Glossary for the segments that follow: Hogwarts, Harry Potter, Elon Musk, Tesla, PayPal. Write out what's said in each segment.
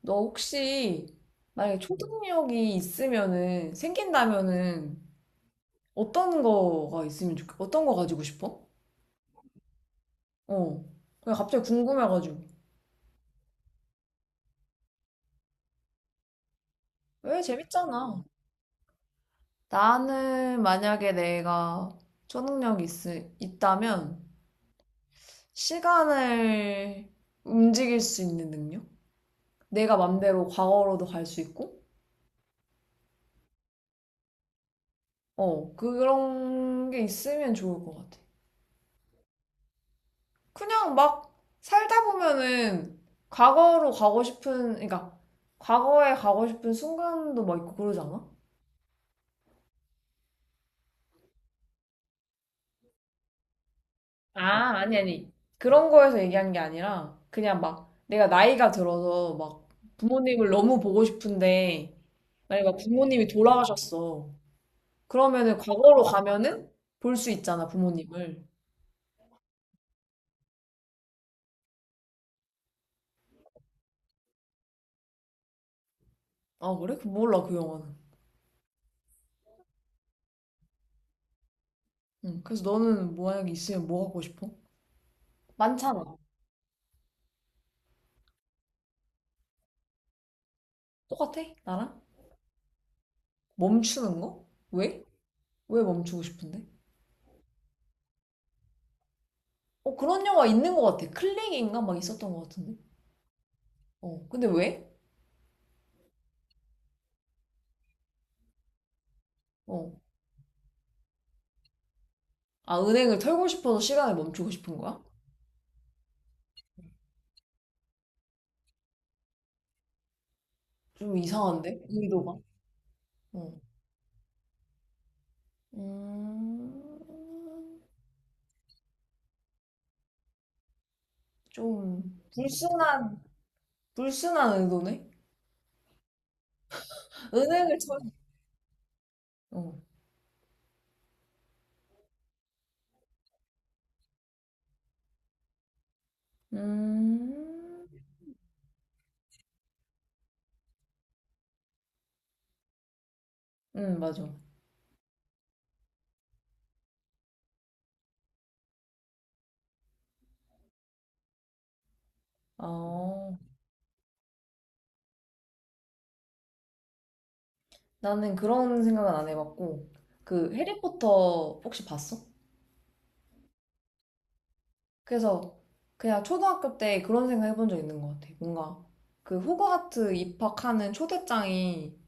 너 혹시 만약에 초능력이 있으면은 생긴다면은 어떤 거가 어떤 거 가지고 싶어? 어. 그냥 갑자기 궁금해가지고. 왜 재밌잖아. 나는 만약에 내가 초능력이 있다면 시간을 움직일 수 있는 능력? 내가 맘대로 과거로도 갈 수 있고? 어. 그런 게 있으면 좋을 것 같아. 그냥 막 살다 보면은 그러니까 과거에 가고 싶은 순간도 막 있고 그러지 않아? 아, 아니, 아니. 그런 거에서 얘기한 게 아니라 그냥 막 내가 나이가 들어서 막 부모님을 너무 보고 싶은데 만약에 막 부모님이 돌아가셨어. 그러면은 과거로 가면은 볼 수 있잖아, 부모님을. 아, 그래? 그 몰라, 그 영화는. 응. 그래서 너는 만약에 있으면 뭐 하고 싶어? 많잖아. 똑같아? 나랑? 멈추는 거? 왜? 왜 멈추고 싶은데? 어, 그런 영화 있는 것 같아. 클릭인가 막 있었던 것 같은데. 어, 근데 왜? 어. 아, 은행을 털고 싶어서 시간을 멈추고 싶은 거야? 좀 이상한데? 의도가. 어. 음, 좀 불순한, 불순한 의도네? 은행을 털, 어. 음, 맞아. 아, 나는 그런 생각은 안 해봤고, 그 해리포터 혹시 봤어? 그래서 그냥 초등학교 때 그런 생각 해본 적 있는 것 같아. 뭔가 그 호그와트 입학하는 초대장이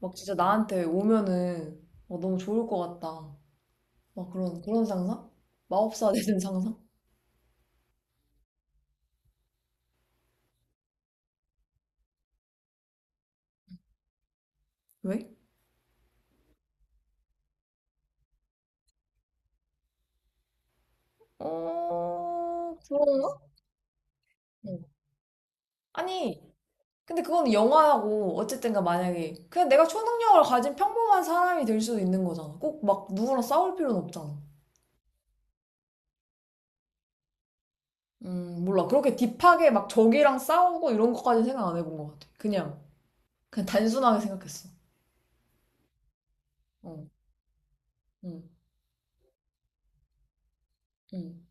막 진짜 나한테 오면은 막 너무 좋을 것 같다. 막 그런 상상? 마법사 되는 상상? 왜? 어, 그런가? 응. 아니, 근데 그건 영화하고 어쨌든가 만약에 그냥 내가 초능력을 가진 평범한 사람이 될 수도 있는 거잖아. 꼭 막 누구랑 싸울 필요는 없잖아. 몰라. 그렇게 딥하게 막 적이랑 싸우고 이런 것까지 생각 안 해본 것 같아. 그냥. 그냥 단순하게 생각했어. 어, 음, 음.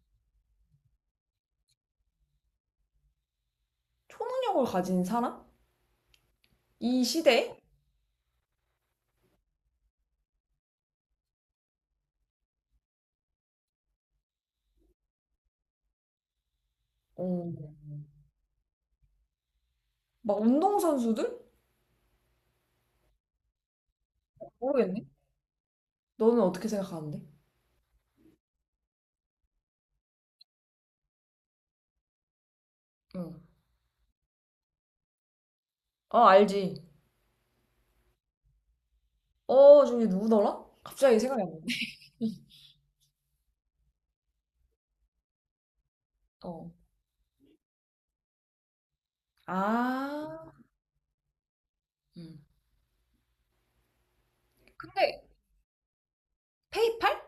초능력을 가진 사람? 이 시대에? 어, 막 운동선수들? 모르겠네. 너는 어떻게 생각하는데? 응. 어, 아, 알지. 어, 저기 누구더라? 갑자기 생각이 안 나네. 어, 아, 음, 근데 페이팔?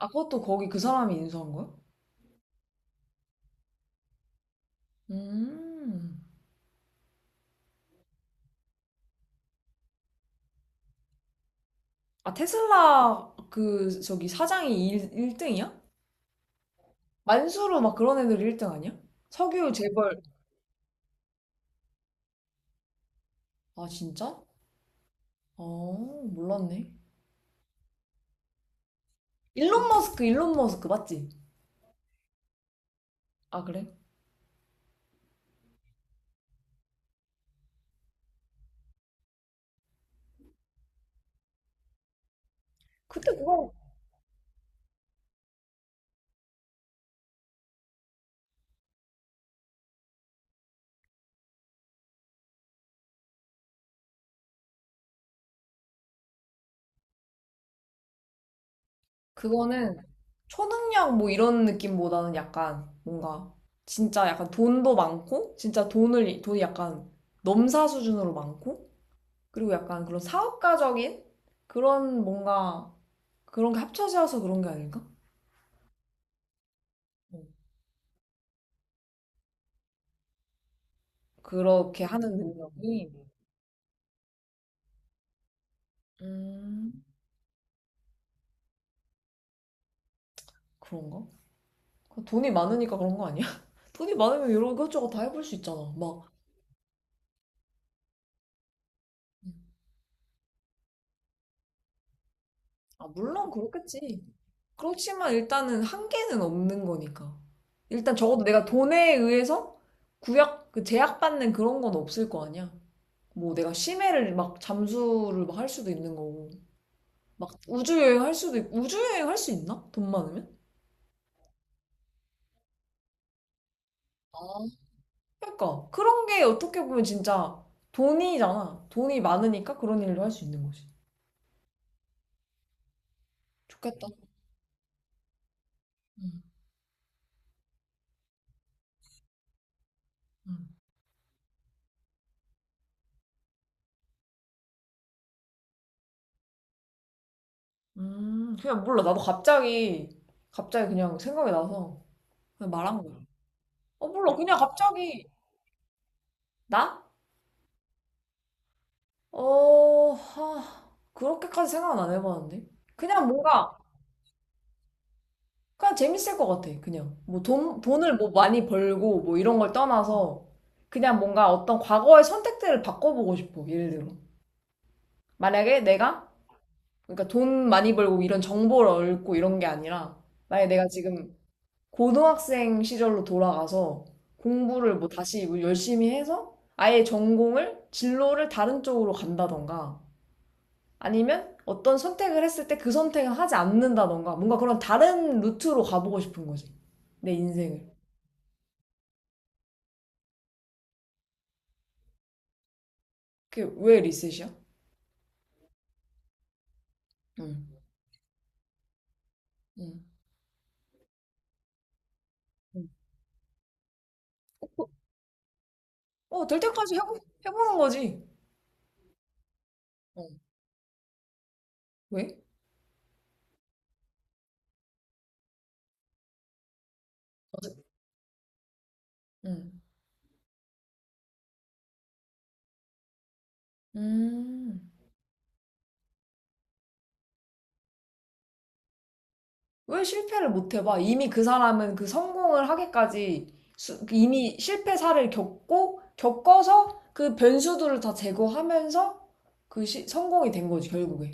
아, 그것도 거기 그 사람이 인수한 거야? 음, 아, 테슬라 그 저기 사장이 1, 일등이야. 만수르 막 그런 애들 1등 아니야? 석유 재벌. 아, 진짜? 어, 몰랐네. 일론 머스크, 일론 머스크 맞지? 아, 그래? 그때 그거는 초능력 뭐 이런 느낌보다는 약간 뭔가 진짜 약간 돈도 많고 진짜 돈을 돈이 약간 넘사 수준으로 많고 그리고 약간 그런 사업가적인 그런 뭔가 그런 게 합쳐져서 그런 게 아닐까? 어, 그렇게 하는 능력이 음, 그런가? 돈이 많으니까 그런 거 아니야? 돈이 많으면 이런 것저것 다 해볼 수 있잖아. 막, 아, 물론 그렇겠지. 그렇지만 일단은 한계는 없는 거니까. 일단 적어도 내가 돈에 의해서 구약, 그 제약받는 그런 건 없을 거 아니야. 뭐 내가 심해를 막 잠수를 막 할 수도 있는 거고. 막 우주여행 할 수도 있고. 우주여행 할 수 있나? 돈 많으면? 아 그러니까 그런 게 어떻게 보면 진짜 돈이잖아. 돈이 많으니까 그런 일도 할 수 있는 거지. 좋겠다. 음, 음. 그냥 몰라. 나도 갑자기 그냥 생각이 나서 그냥 말한 거야. 어 몰라. 그냥 갑자기 나? 어, 그렇게까지 생각은 안 해봤는데. 그냥 뭔가, 그냥 재밌을 것 같아. 그냥. 뭐 돈을 뭐 많이 벌고 뭐 이런 걸 떠나서 그냥 뭔가 어떤 과거의 선택들을 바꿔보고 싶어. 예를 들어. 만약에 내가, 그러니까 돈 많이 벌고 이런 정보를 얻고 이런 게 아니라, 만약에 내가 지금 고등학생 시절로 돌아가서 공부를 뭐 다시 뭐 열심히 해서 아예 진로를 다른 쪽으로 간다던가, 아니면 어떤 선택을 했을 때 그 선택을 하지 않는다던가 뭔가 그런 다른 루트로 가보고 싶은 거지. 내 인생을. 그게 왜 리셋이야? 응. 응. 어, 될 때까지 해보는 거지. 어, 왜? 응. 음. 왜 실패를 못 해봐? 이미 그 사람은 그 성공을 하기까지 이미 실패 사를 겪고 겪어서 그 변수들을 다 제거하면서 그 성공이 된 거지, 결국에.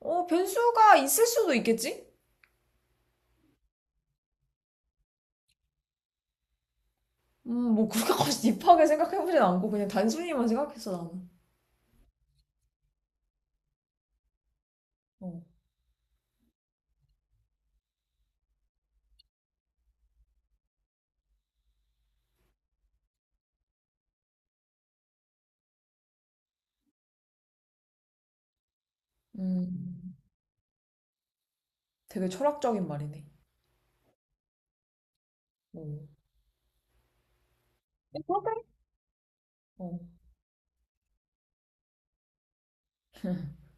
어, 변수가 있을 수도 있겠지? 뭐 그렇게까지 딥하게 생각해보진 않고 그냥 단순히만 생각했어 나는. 어. 음, 되게 철학적인 말이네. 어. 그러게 어.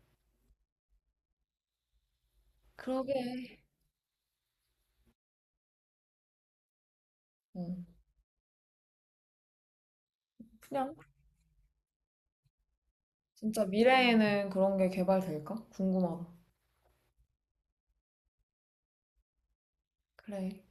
그러게. 어. 그냥 진짜 미래에는 그런 게 개발될까? 궁금하다. 그래.